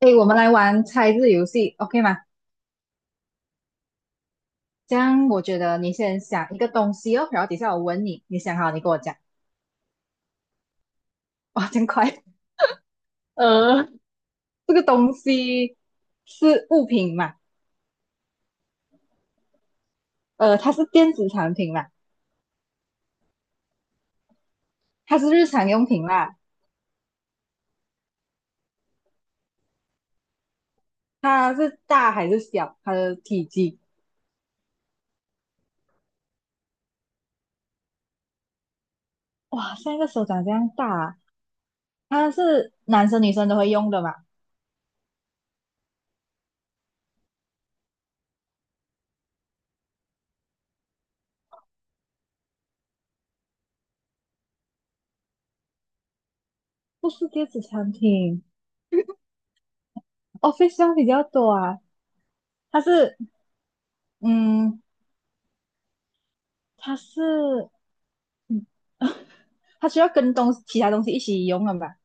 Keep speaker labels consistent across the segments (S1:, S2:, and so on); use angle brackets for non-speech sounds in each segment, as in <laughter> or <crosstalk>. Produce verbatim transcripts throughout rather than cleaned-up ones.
S1: 诶，我们来玩猜字游戏，OK 吗？这样我觉得你先想一个东西哦，然后底下我问你，你想好你跟我讲。哇，真快！<laughs> 呃，这个东西是物品嘛？呃，它是电子产品嘛？它是日常用品啦？它是大还是小？它的体积？哇，像一个手掌这样大啊它是男生女生都会用的嘛？不是电子产品，office 用比较多啊。它是，嗯，它是。它需要跟东其他东西一起用了吧？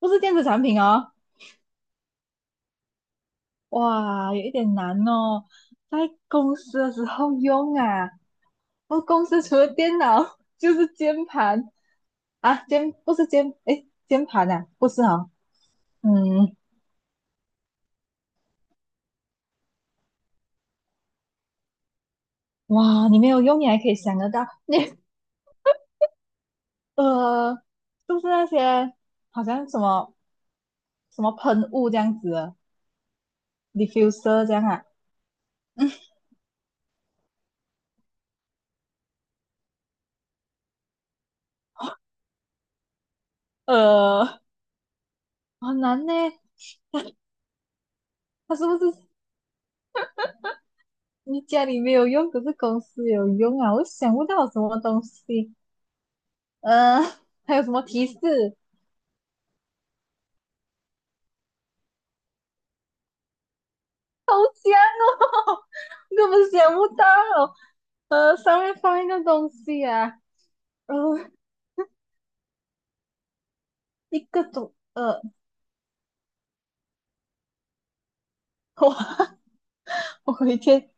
S1: 不是电子产品哦，哇，有一点难哦，在公司的时候用啊。我公司除了电脑就是键盘啊，键不是键，诶，键盘啊，不是哦，嗯，哇，你没有用，你还可以想得到，你呃，就是那些好像什么什么喷雾这样子的，diffuser 这样啊，嗯呃，好难呢，它是不是你家里没有用，可是公司有用啊！我想不到什么东西，呃，<laughs> 还有什么提示？<laughs> 根本想不到。呃，上面放一个东西啊，呃，一个东，呃，<laughs> 我我回天，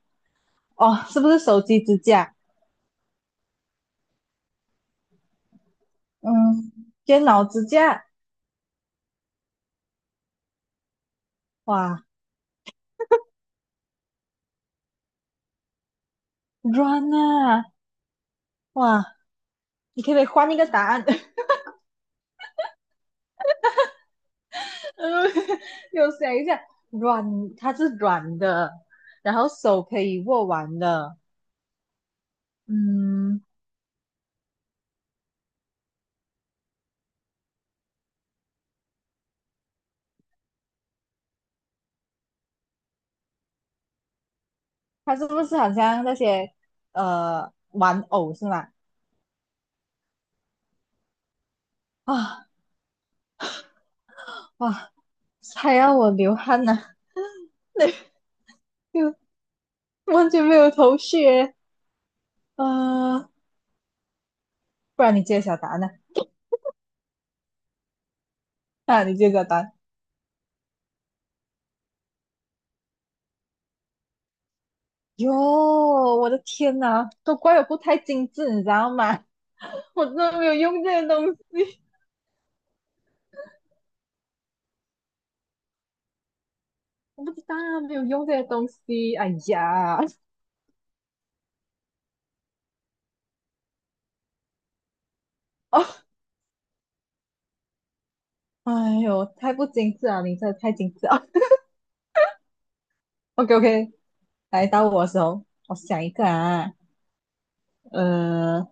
S1: 哦，是不是手机支架？嗯，电脑支架，哇，软啊，哇，你可不可以换一个答案？<laughs> 嗯，有想一下，软，它是软的，然后手可以握完的，嗯。它是不是好像那些呃玩偶是吗？啊哇，还要我流汗呢，<laughs> 那就完全没有头绪耶。呃不然你揭晓答案呢？啊，你揭晓答案。哟，我的天呐，都怪我不太精致，你知道吗？<laughs> 我真的没有用这些东西，我不知道啊没有用这些东西。哎呀，哦，哎呦，太不精致了，你真的太精致了。<laughs> OK OK,来到我的时候，我想一个啊，呃。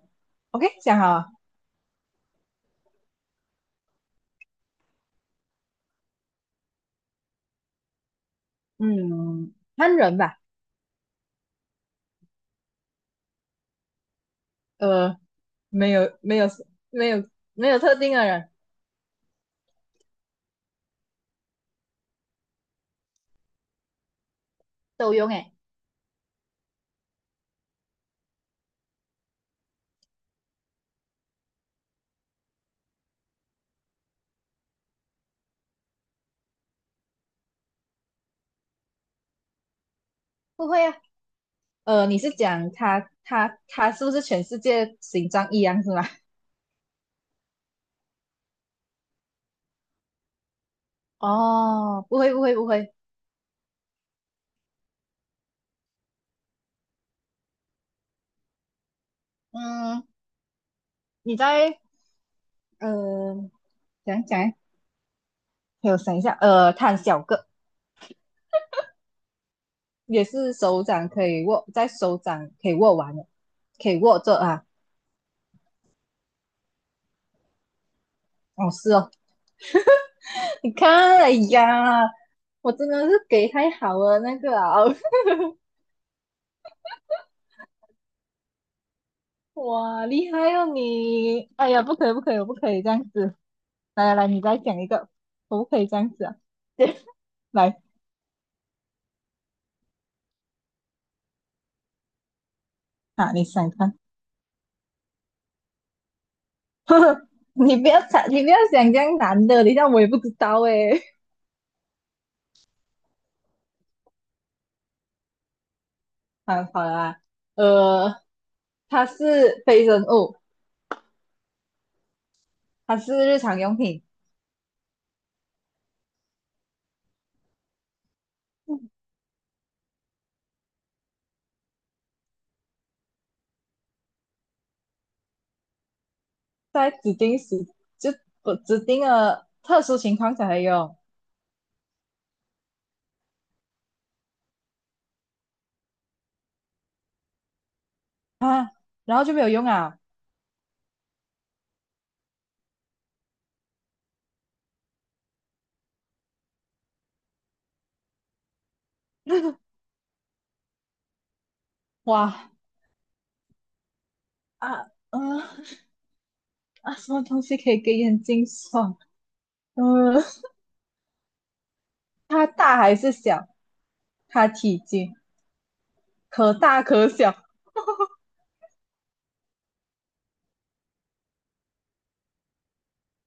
S1: OK,想好嗯，看人吧，呃，没有没有没有没有特定的人都用诶，不会啊，呃，你是讲他他他是不是全世界形状一样是吗？<laughs> 哦，不会不会不会，嗯，你在呃讲讲诶，给我想一下，呃，它很小个，也是手掌可以握，在手掌可以握完的，可以握着啊，哦是哦，<laughs> 你看，哎呀，我真的是给太好了那个啊。哦哇，厉害哦你！哎呀，不可以，不可以，我不可以这样子。来来来，你再讲一个，我不可以这样子啊。<laughs> 来啊，你想看？<laughs> 你不要想，你不要想这样难的，等一下我也不知道诶。<laughs> 好，好了啦，呃，它是非人物，它是日常用品，在指定时就不指定的特殊情况才会用啊，然后就没有用啊。哇啊嗯、呃啊，什么东西可以给眼睛爽？嗯、呃它大还是小？它体积可大可小，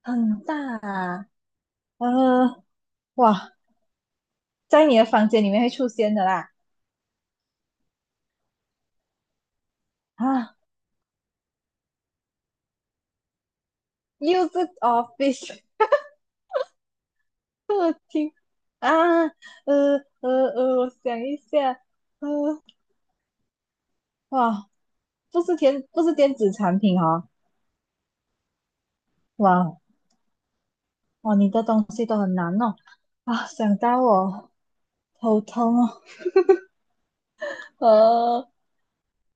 S1: 很大啊。呃，哇，在你的房间里面会出现的啦。啊，又是 office <laughs> 客厅啊，呃呃呃，我想一下，呃，哇，不是电不是电子产品哦，哇哇，你的东西都很难弄啊，想到我头痛哦，呃，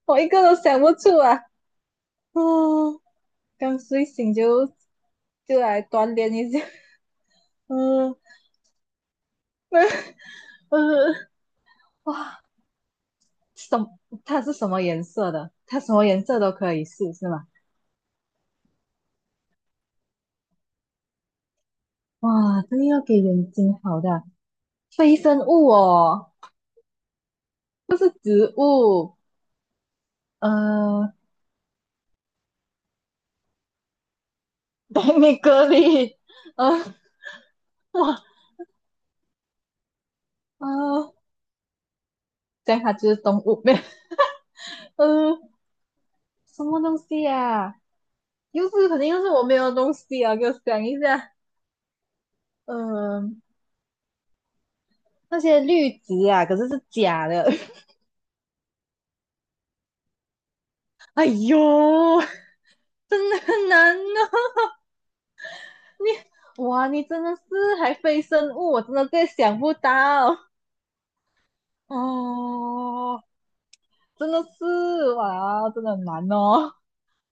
S1: 我一个都想不出啊，哦，刚睡醒就就来锻炼一下。<laughs> 嗯嗯，呃哇，什它是什么颜色的？它什么颜色都可以试，是吗？哇，这个要给人惊好的非生物哦，不是植物。呃，等你隔离。呃，哇，呃，这样它就是动物没有？呃，什么东西呀、又是肯定又是我没有的东西啊，给我讲一下。嗯、呃那些绿植啊，可是是假的。<laughs> 哎呦，真的很难哦。<laughs> 你哇，你真的是还非生物，我真的在想不到哦，真的是哇，真的很难哦。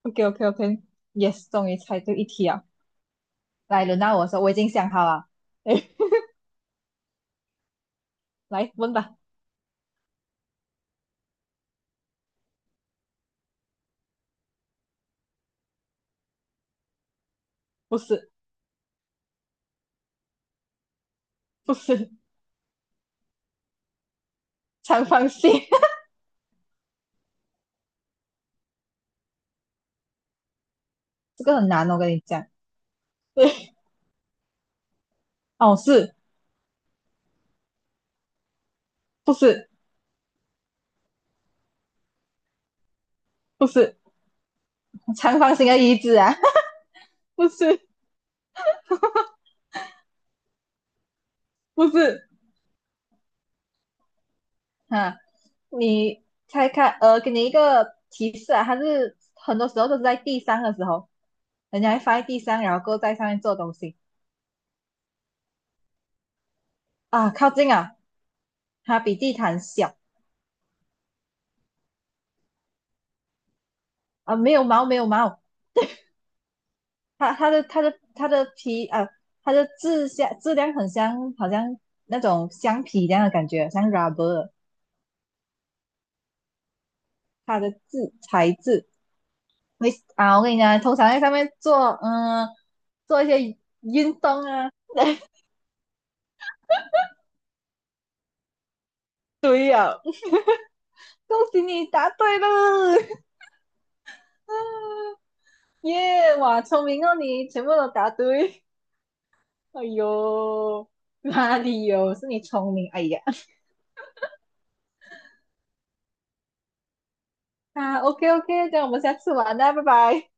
S1: OK OK OK，Yes，终于猜对一题啊！来，轮到我说，我已经想好了。哎，来问吧。不是，不是，长方形，<laughs> 这个很难哦，我跟你讲。对，哦，是，不是，不是，长方形的椅子啊，<laughs> 不是，不是，啊，你猜看，呃，给你一个提示啊，它是很多时候都是在地上的时候，人家会放在地上，然后够在上面做东西啊，靠近啊，它比地毯小啊，没有毛，没有毛，它它的它的它的皮啊，它的质像质量很像，好像那种橡皮一样的感觉，像 rubber,它的质材质会啊，我跟你讲，通常在上面做嗯做一些运动啊，恭喜你答对了。<laughs> 耶、哇，聪明哦你，全部都答对。<laughs> 哎呦，哪里有？是你聪明。哎呀，啊，OK OK,这样我们下次玩啦，拜拜。